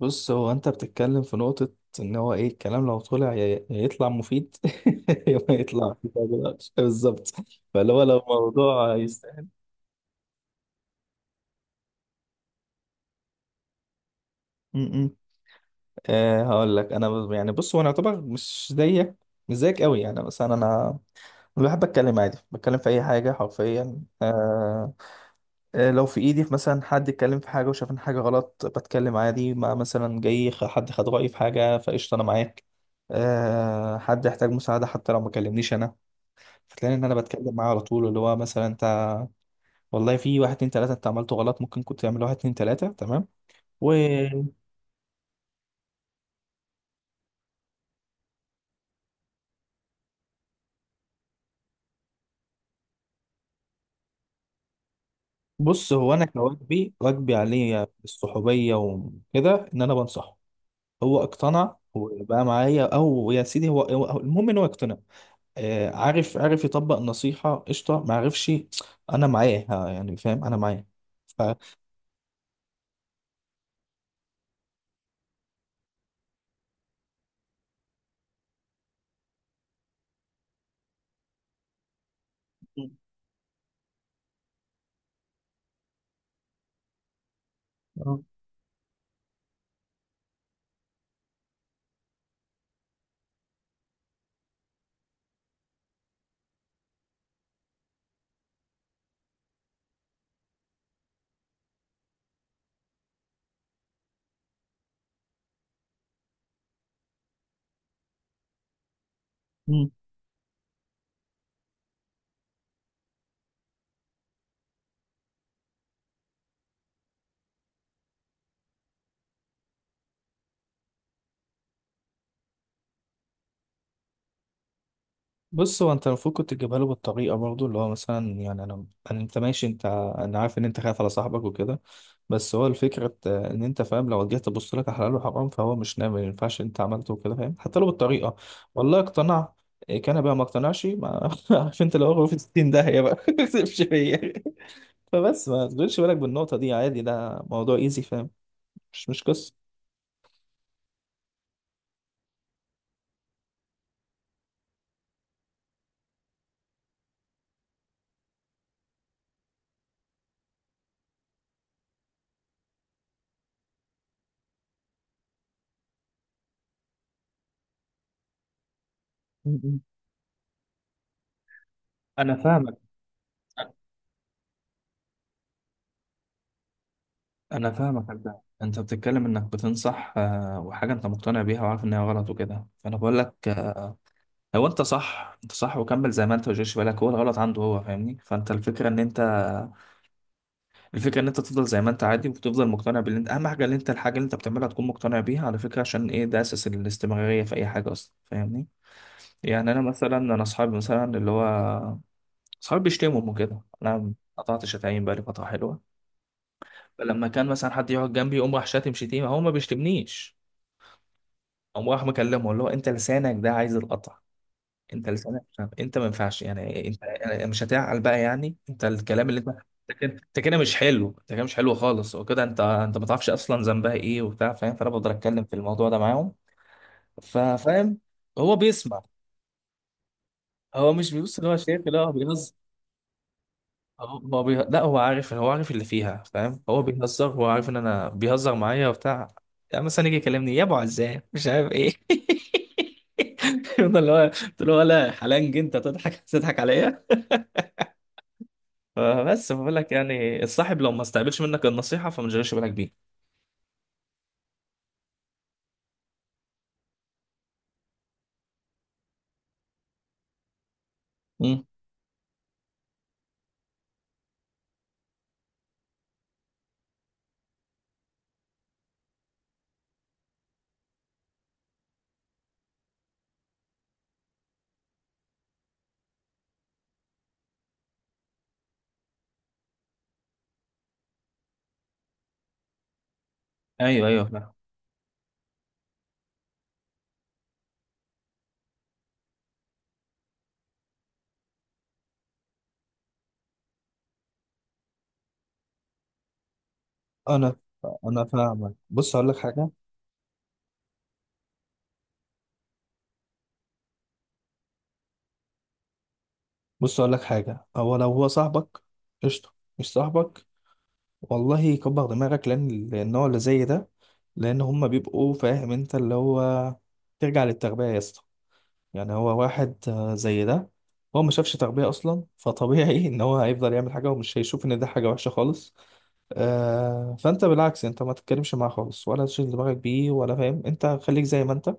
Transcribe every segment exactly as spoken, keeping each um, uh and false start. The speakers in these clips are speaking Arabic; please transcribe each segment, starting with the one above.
بص، هو انت بتتكلم في نقطة ان هو ايه الكلام لو طلع يا يا يطلع مفيد يا ما يطلع. بالظبط. فاللي هو لو موضوع يستاهل. م- م. آه، هقول لك انا بز- يعني بص هو انا يعتبر مش زيك، مش زيك قوي. يعني مثلا انا، أنا بحب اتكلم عادي، بتكلم في اي حاجة حرفيا آه آه، لو في ايدي مثلا حد اتكلم في حاجة وشاف ان حاجة غلط بتكلم عادي. ما مثلا جاي خ- حد خد رأيي في حاجة فقشطة انا معاك. آه، حد يحتاج مساعدة حتى لو ما كلمنيش انا، هتلاقي ان انا بتكلم معاه على طول، اللي هو مثلا انت والله في واحد اتنين تلاته انت عملته غلط، ممكن كنت تعمل واحد اتنين تلاته تمام وبص. هو انا كواجبي واجبي عليه الصحوبيه وكده ان انا بنصحه. هو اقتنع وبقى معايا او يا سيدي، هو هو- المهم ان هو اقتنع. آه، عارف عارف يطبق النصيحه قشطه، ما عرفش، انا معاه، ها، يعني فاهم انا معاه. ف... مم. آه. بص، هو انت المفروض كنت تجيبها له بالطريقه برضه، اللي هو مثلا يعني انا، انا انت ماشي، انت ع- انا عارف ان انت خايف على صاحبك وكده. بس هو الفكره بت- ان انت فاهم، لو جيت تبص لك على حلال وحرام فهو مش ناوي، ما ينفعش انت عملته وكده، فاهم، حتى لو بالطريقه والله اقتنع. إيه كان بقى ما اقتنعش، ما عارف انت، لو هو في ستين داهيه بقى ما تسيبش فيا. فبس ما تشغلش بالك بالنقطه دي، عادي، ده موضوع ايزي، فاهم، مش مش قصه. م- م. انا فاهمك. انا فاهمك ده انت بتتكلم انك بتنصح آه، وحاجه انت مقتنع بيها وعارف ان هي غلط وكده، فانا بقول لك آه، هو انت صح، انت صح وكمل زي ما انت وجيش بالك، هو الغلط عنده هو، فاهمني، فانت الفكره ان انت الفكره ان انت تفضل زي ما انت عادي، وتفضل مقتنع باللي انت، اهم حاجه ان انت الحاجه اللي انت بتعملها تكون مقتنع بيها على فكره. عشان ايه؟ ده اساس الاستمراريه في اي حاجه اصلا، فاهمني. يعني انا مثلا، انا اصحابي مثلا اللي هو اصحابي بيشتموا وكده، انا قطعت شتايم بقالي فتره حلوه. فلما كان مثلا حد يقعد جنبي يقوم راح شاتم شتيمه، هو ما بيشتمنيش، قام راح مكلمه اللي هو انت لسانك ده عايز القطع، انت لسانك مش عارف- انت ما ينفعش، يعني انت يعني مش هتعقل بقى يعني انت الكلام اللي انت، انت كده انت كده مش حلو، انت كده مش حلو خالص وكده، انت انت ما تعرفش اصلا ذنبها ايه وبتاع، فاهم، فانا بقدر اتكلم في الموضوع ده معاهم، ففاهم، هو بيسمع. هو مش بيبص، اللي هو شايف اللي هو بيهزر. هو ما بيه... لا، هو عارف، هو عارف اللي فيها، فاهم، هو بيهزر، هو عارف ان انا بيهزر معايا وبتاع. يعني مثلا يجي يكلمني يا ابو عزام مش عارف ايه يفضل اللي هو قلت له ولا حلنج، انت تضحك تضحك عليا. فبس بقول لك يعني الصاحب لو ما استقبلش منك النصيحه فما تشغلش بالك بيه. امم ايوه، ايوه، فاهم. انا انا فاهمك. بص اقول لك حاجه. بص اقول لك حاجه هو لو هو صاحبك قشطه، مش صاحبك والله كبر دماغك، لان النوع اللي زي ده، لان هما بيبقوا، فاهم انت، اللي هو ترجع للتربية يا اسطى. يعني هو واحد آه، زي ده هو ما شافش تربية اصلا، فطبيعي ان هو هيفضل يعمل حاجة ومش هيشوف ان ده حاجة وحشة خالص. آه، فانت بالعكس، انت ما تتكلمش معاه خالص ولا تشغل دماغك بيه ولا، فاهم انت، خليك زي ما انت،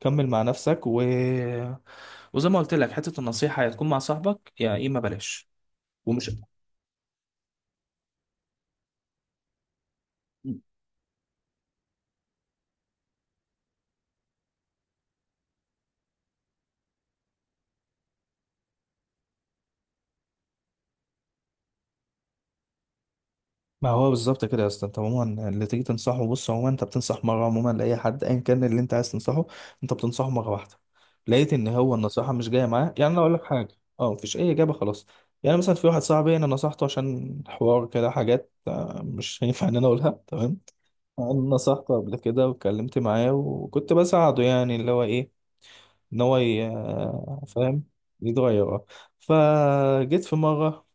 كمل مع نفسك و... وزي ما قلت لك حتة النصيحة هتكون مع صاحبك يا اما بلاش ومش. ما هو بالظبط كده يا اسطى، انت عموما اللي تيجي تنصحه، بص عموما انت بتنصح مره، عموما لاي حد ايا كان اللي انت عايز تنصحه، انت بتنصحه مره واحده، لقيت ان هو النصيحه مش جايه معاه. يعني انا اقول لك حاجه، اه مفيش اي اجابه خلاص. يعني مثلا في واحد صاحبي انا نصحته عشان حوار كده، حاجات مش هينفع ان انا اقولها، تمام؟ انا نصحته قبل كده واتكلمت معاه وكنت بساعده، يعني اللي هو ايه؟ ان هو ي- فاهم، يتغير، اه. فجيت في مره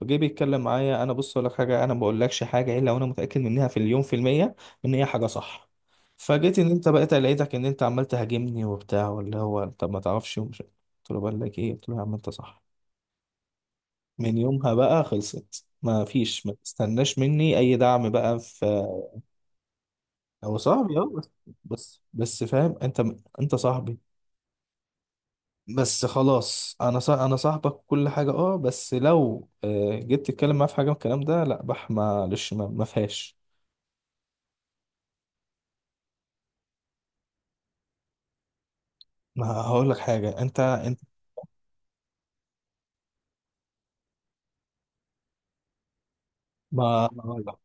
فجه بيتكلم معايا، انا بص اقول لك حاجه، انا ما بقولكش حاجه الا وانا متاكد منها في اليوم في المية، ان هي حاجه صح. فجيت ان انت بقيت لقيتك ان انت عمال تهاجمني وبتاع، واللي هو طب ما تعرفش ومش قلت له، بقول لك ايه قلت له يا عم انت صح. من يومها بقى خلصت، ما فيش، ما تستناش مني اي دعم بقى في. هو صاحبي اه بس، بس بس فاهم انت، انت صاحبي بس خلاص. انا صاح... انا صاحبك كل حاجه، اه، بس لو آه، جيت تتكلم معايا في حاجه من الكلام ده، لا، بح، معلش، ما ما فيهاش. ما هقول لك حاجه، انت انت، ما ما هقول لك.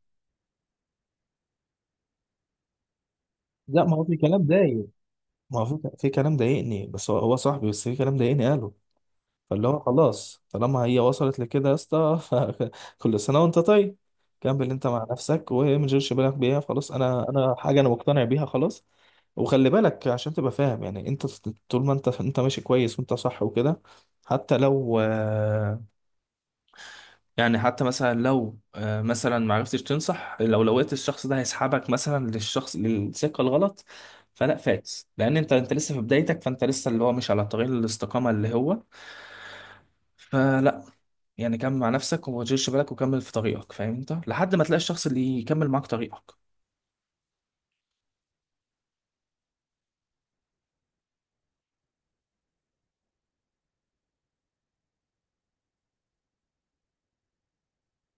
لا، ما هو في كلام ضايق، ما هو في في كلام ضايقني، بس هو هو صاحبي، بس في كلام ضايقني قاله. فاللي هو خلاص طالما هي وصلت لكده يا اسطى، كل سنه وانت طيب، كمل انت مع نفسك وما تشغلش بالك بيها خلاص، انا انا حاجه انا مقتنع بيها خلاص. وخلي بالك عشان تبقى فاهم، يعني انت طول ما انت انت ماشي كويس وانت صح وكده، حتى لو، يعني حتى مثلا لو آه، مثلا ما عرفتش تنصح لو لقيت الشخص ده هيسحبك مثلا للشخص، للسكه الغلط، فلا، فاكس، لان انت انت لسه في بدايتك، فانت لسه اللي هو مش على طريق الاستقامه اللي هو، فلا، يعني كمل مع نفسك وما تشغلش بالك، وكمل في طريقك، فاهم انت، لحد ما تلاقي الشخص اللي يكمل معاك طريقك.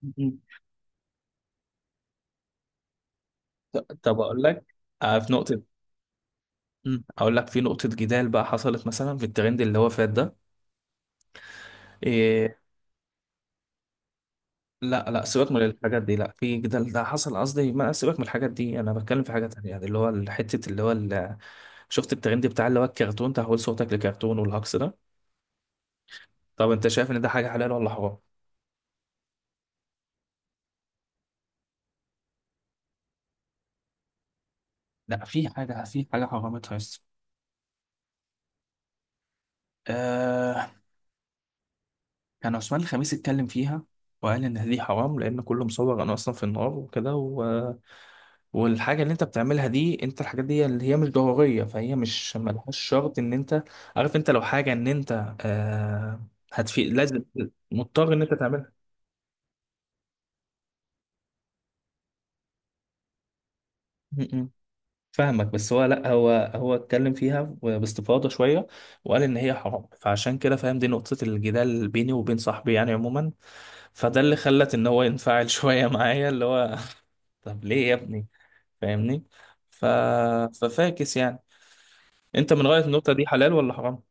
مم. ط- طب اقول لك آه، في نقطه. مم. اقول لك في نقطه جدال بقى حصلت، مثلا في الترند اللي هو فات ده. إيه؟ لا، لا، سيبك من الحاجات دي، لا، في ده، ده حصل، قصدي ما، سيبك من الحاجات دي، انا بتكلم في حاجه تانية، يعني اللي هو حته اللي هو ال- شفت الترند بتاع اللي هو الكرتون تحول صوتك لكرتون والهجص ده؟ طب انت شايف ان ده حاجه حلال ولا حرام؟ لا، في حاجه، في حاجه حرامتها. يس، كان عثمان الخميس اتكلم فيها، وقال ان دي حرام، لان كله مصور انا اصلا في النار وكده و... والحاجه اللي انت بتعملها دي، انت الحاجات دي اللي هي مش ضروريه، فهي مش ملهاش شرط ان انت، عارف انت، لو حاجه ان انت آه هتفيد، لازم مضطر ان انت تعملها. م- م. فاهمك، بس هو لا، هو هو اتكلم فيها باستفاضه شويه، وقال ان هي حرام، فعشان كده، فاهم، دي نقطه الجدال بيني وبين صاحبي يعني عموما. فده اللي خلت ان هو ينفعل شويه معايا، اللي هو طب ليه يا ابني، فاهمني؟ ف... ففاكس يعني. انت من غاية النقطة دي، حلال ولا حرام؟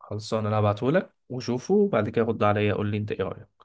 خلصان، انا هبعتهولك وشوفه وبعد كده رد عليا، قول لي انت ايه رأيك.